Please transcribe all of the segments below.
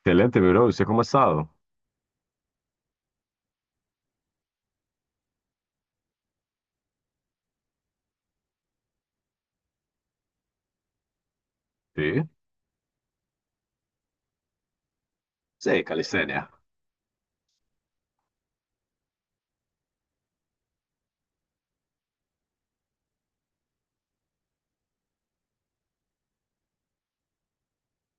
Excelente, bro. ¿Usted cómo ha estado? Sí. Sí, calistenia.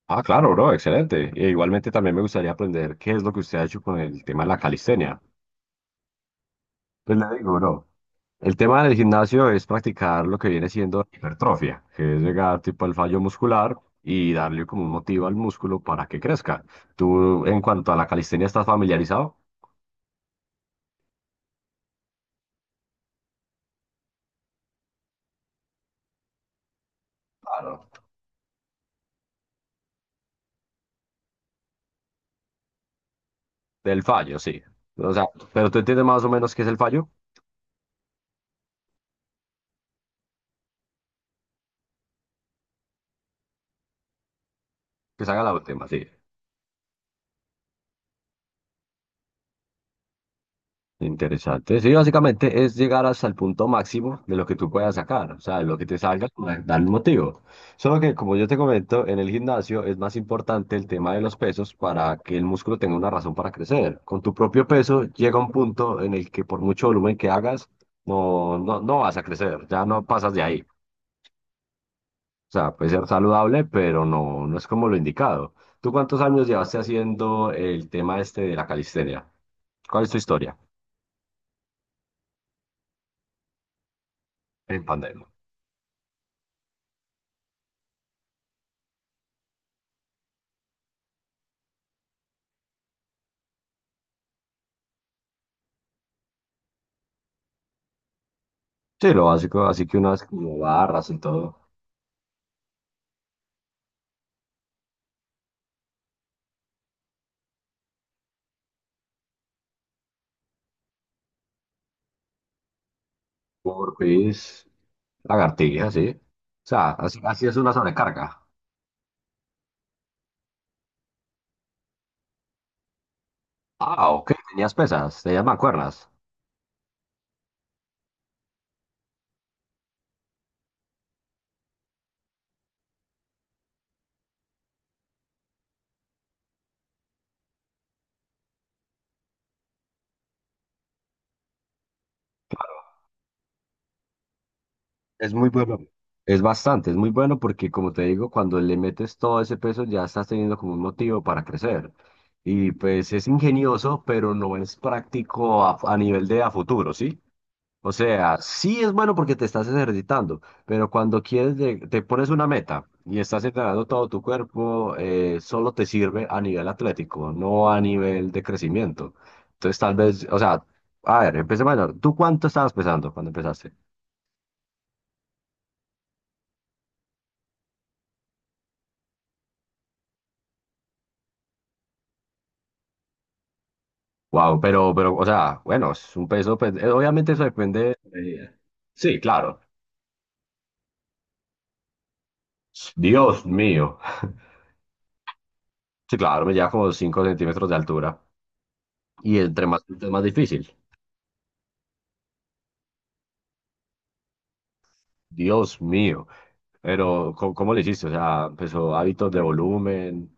Ah, claro, bro. Excelente. E igualmente también me gustaría aprender qué es lo que usted ha hecho con el tema de la calistenia. Pues le digo, bro. El tema del gimnasio es practicar lo que viene siendo hipertrofia, que es llegar tipo al fallo muscular y darle como un motivo al músculo para que crezca. ¿Tú en cuanto a la calistenia estás familiarizado? Claro. Del fallo, sí. O sea, pero tú entiendes más o menos qué es el fallo, que se haga la última, sí. Interesante. Sí, básicamente es llegar hasta el punto máximo de lo que tú puedas sacar, o sea, de lo que te salga, dar un motivo. Solo que, como yo te comento, en el gimnasio es más importante el tema de los pesos para que el músculo tenga una razón para crecer. Con tu propio peso llega un punto en el que por mucho volumen que hagas, no, no, no vas a crecer, ya no pasas de ahí. O sea, puede ser saludable, pero no, no es como lo indicado. ¿Tú cuántos años llevaste haciendo el tema este de la calistenia? ¿Cuál es tu historia en pandemia? Sí, lo básico, así que unas como barras y todo, burpees, lagartijas, sí. O sea, así, así es una sobrecarga. Ah, ok, tenías pesas, tenías mancuernas. Es muy bueno. Es bastante, es muy bueno porque como te digo, cuando le metes todo ese peso ya estás teniendo como un motivo para crecer. Y pues es ingenioso, pero no es práctico a nivel de a futuro, ¿sí? O sea, sí es bueno porque te estás ejercitando, pero cuando quieres, te pones una meta y estás entrenando todo tu cuerpo, solo te sirve a nivel atlético, no a nivel de crecimiento. Entonces, tal vez, o sea, a ver, empecemos menor. ¿Tú cuánto estabas pesando cuando empezaste? Wow, pero, o sea, bueno, es un peso, pues, obviamente eso depende. Sí, claro. Dios mío. Sí, claro, me lleva como 5 centímetros de altura. Y entre más alto es más difícil. Dios mío. Pero, ¿cómo, cómo le hiciste? O sea, empezó hábitos de volumen,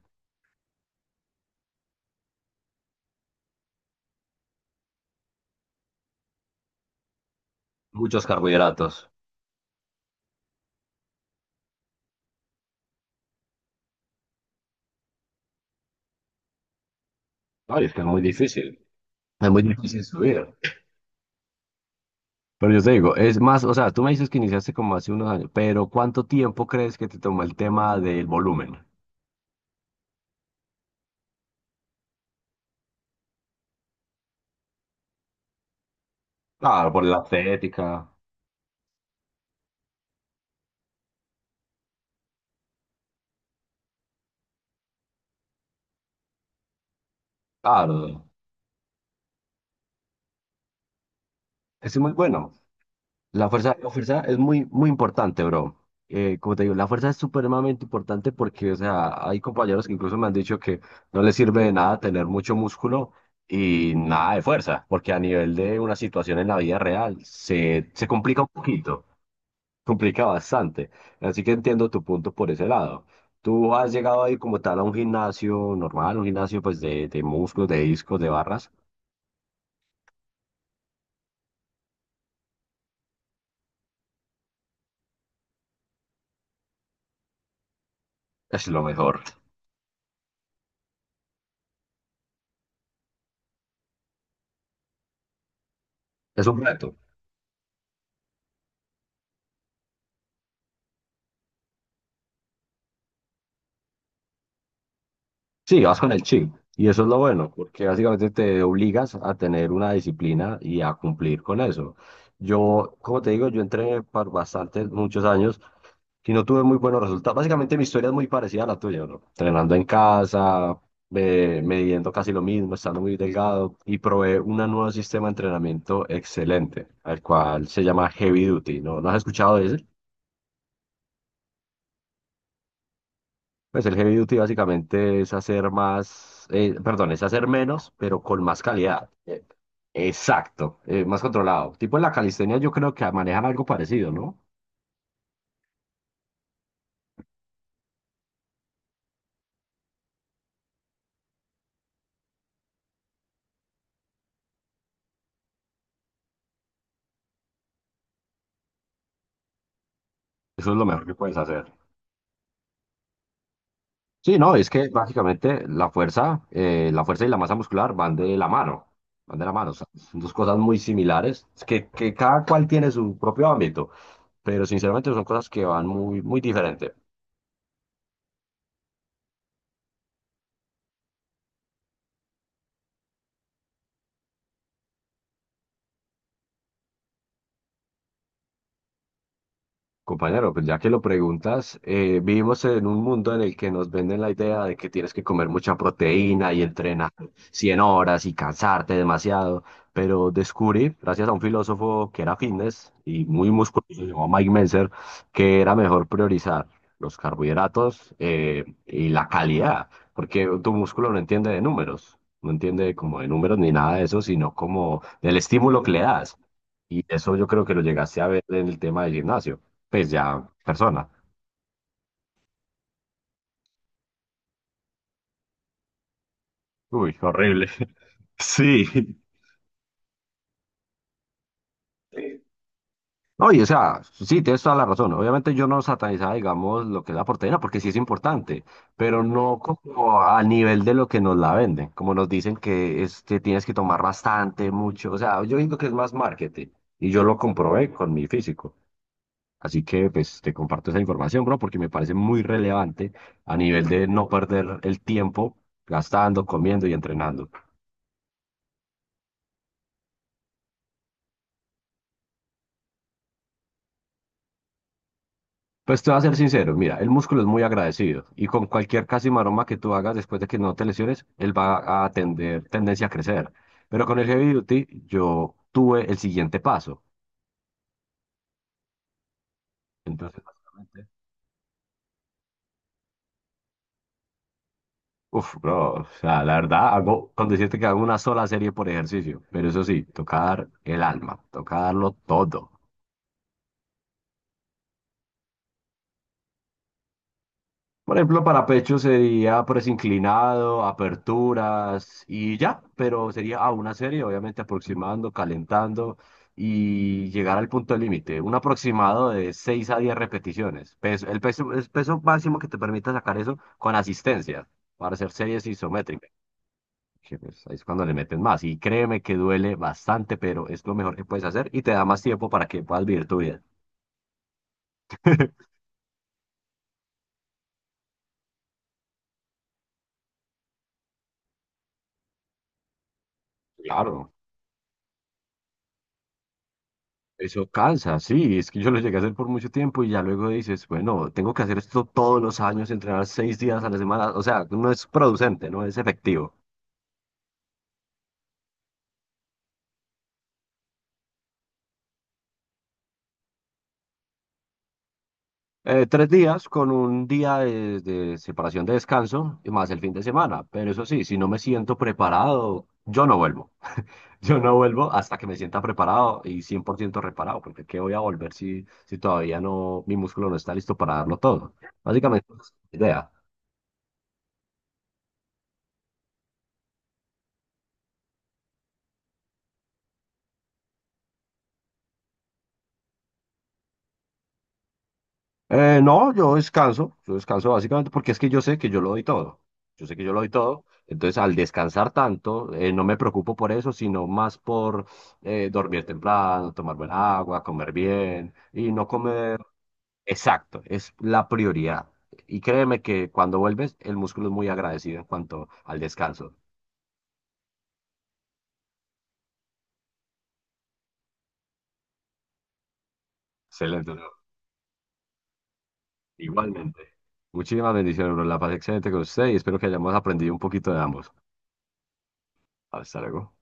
muchos carbohidratos. Ay, es que es muy difícil. Es muy difícil subir. Pero yo te digo, es más, o sea, tú me dices que iniciaste como hace unos años, pero ¿cuánto tiempo crees que te tomó el tema del volumen? Claro, por la estética. Claro, es muy bueno. La fuerza es muy, muy importante, bro. Como te digo, la fuerza es supremamente importante porque, o sea, hay compañeros que incluso me han dicho que no les sirve de nada tener mucho músculo y nada de fuerza, porque a nivel de una situación en la vida real se complica un poquito, complica bastante. Así que entiendo tu punto por ese lado. ¿Tú has llegado a ir como tal a un gimnasio normal, un gimnasio pues de músculos, de discos, de barras? Es lo mejor. Es un reto. Sí, vas con el chip. Y eso es lo bueno, porque básicamente te obligas a tener una disciplina y a cumplir con eso. Yo, como te digo, yo entrené por bastantes, muchos años y no tuve muy buenos resultados. Básicamente mi historia es muy parecida a la tuya, ¿no? Entrenando en casa, midiendo casi lo mismo, estando muy delgado y probé un nuevo sistema de entrenamiento excelente, al cual se llama Heavy Duty, ¿no? ¿No has escuchado de ese? Pues el heavy duty básicamente es hacer más, perdón, es hacer menos, pero con más calidad. Exacto, más controlado. Tipo en la calistenia yo creo que manejan algo parecido, ¿no? Eso es lo mejor que puedes hacer. Sí, no, es que básicamente la fuerza y la masa muscular van de la mano, van de la mano, o sea, son dos cosas muy similares, es que, cada cual tiene su propio ámbito, pero sinceramente son cosas que van muy, muy diferentes. Compañero, pues ya que lo preguntas, vivimos en un mundo en el que nos venden la idea de que tienes que comer mucha proteína y entrenar 100 horas y cansarte demasiado, pero descubrí, gracias a un filósofo que era fitness y muy musculoso, se llamaba Mike Mentzer, que era mejor priorizar los carbohidratos y la calidad, porque tu músculo no entiende de números, no entiende como de números ni nada de eso, sino como del estímulo que le das. Y eso yo creo que lo llegaste a ver en el tema del gimnasio pues ya persona. Uy, horrible. Sí. Oye, o sea, sí, tienes toda la razón. Obviamente yo no satanizaba, digamos, lo que es la proteína, porque sí es importante, pero no como a nivel de lo que nos la venden, como nos dicen que es que tienes que tomar bastante, mucho. O sea, yo digo que es más marketing y yo lo comprobé con mi físico. Así que, pues, te comparto esa información, bro, porque me parece muy relevante a nivel de no perder el tiempo gastando, comiendo y entrenando. Pues te voy a ser sincero, mira, el músculo es muy agradecido y con cualquier casi maroma que tú hagas después de que no te lesiones, él va a tener tendencia a crecer. Pero con el heavy duty yo tuve el siguiente paso. Entonces, básicamente, uff, bro, o sea, la verdad, hago, con decirte que hago una sola serie por ejercicio, pero eso sí, tocar el alma, tocarlo todo. Por ejemplo, para pecho sería press inclinado, aperturas y ya, pero sería a una serie, obviamente aproximando, calentando y llegar al punto límite. Un aproximado de 6 a 10 repeticiones. El peso, el peso máximo que te permita sacar eso con asistencia para hacer series isométricas. Que, pues, ahí es cuando le meten más. Y créeme que duele bastante, pero es lo mejor que puedes hacer y te da más tiempo para que puedas vivir tu vida. Claro. Eso cansa, sí, es que yo lo llegué a hacer por mucho tiempo y ya luego dices, bueno, tengo que hacer esto todos los años, entrenar 6 días a la semana, o sea, no es producente, no es efectivo. 3 días con un día de separación de descanso y más el fin de semana, pero eso sí, si no me siento preparado, yo no vuelvo. Yo no vuelvo hasta que me sienta preparado y 100% reparado, porque ¿qué voy a volver si todavía no, mi músculo no está listo para darlo todo? Básicamente, esa es la idea. No, yo descanso básicamente porque es que yo sé que yo lo doy todo, yo sé que yo lo doy todo, entonces al descansar tanto, no me preocupo por eso, sino más por dormir temprano, tomar buena agua, comer bien y no comer. Exacto, es la prioridad. Y créeme que cuando vuelves, el músculo es muy agradecido en cuanto al descanso. Excelente, bro. Igualmente. Muchísimas bendiciones, bro. La pasé excelente con usted y espero que hayamos aprendido un poquito de ambos. Hasta luego.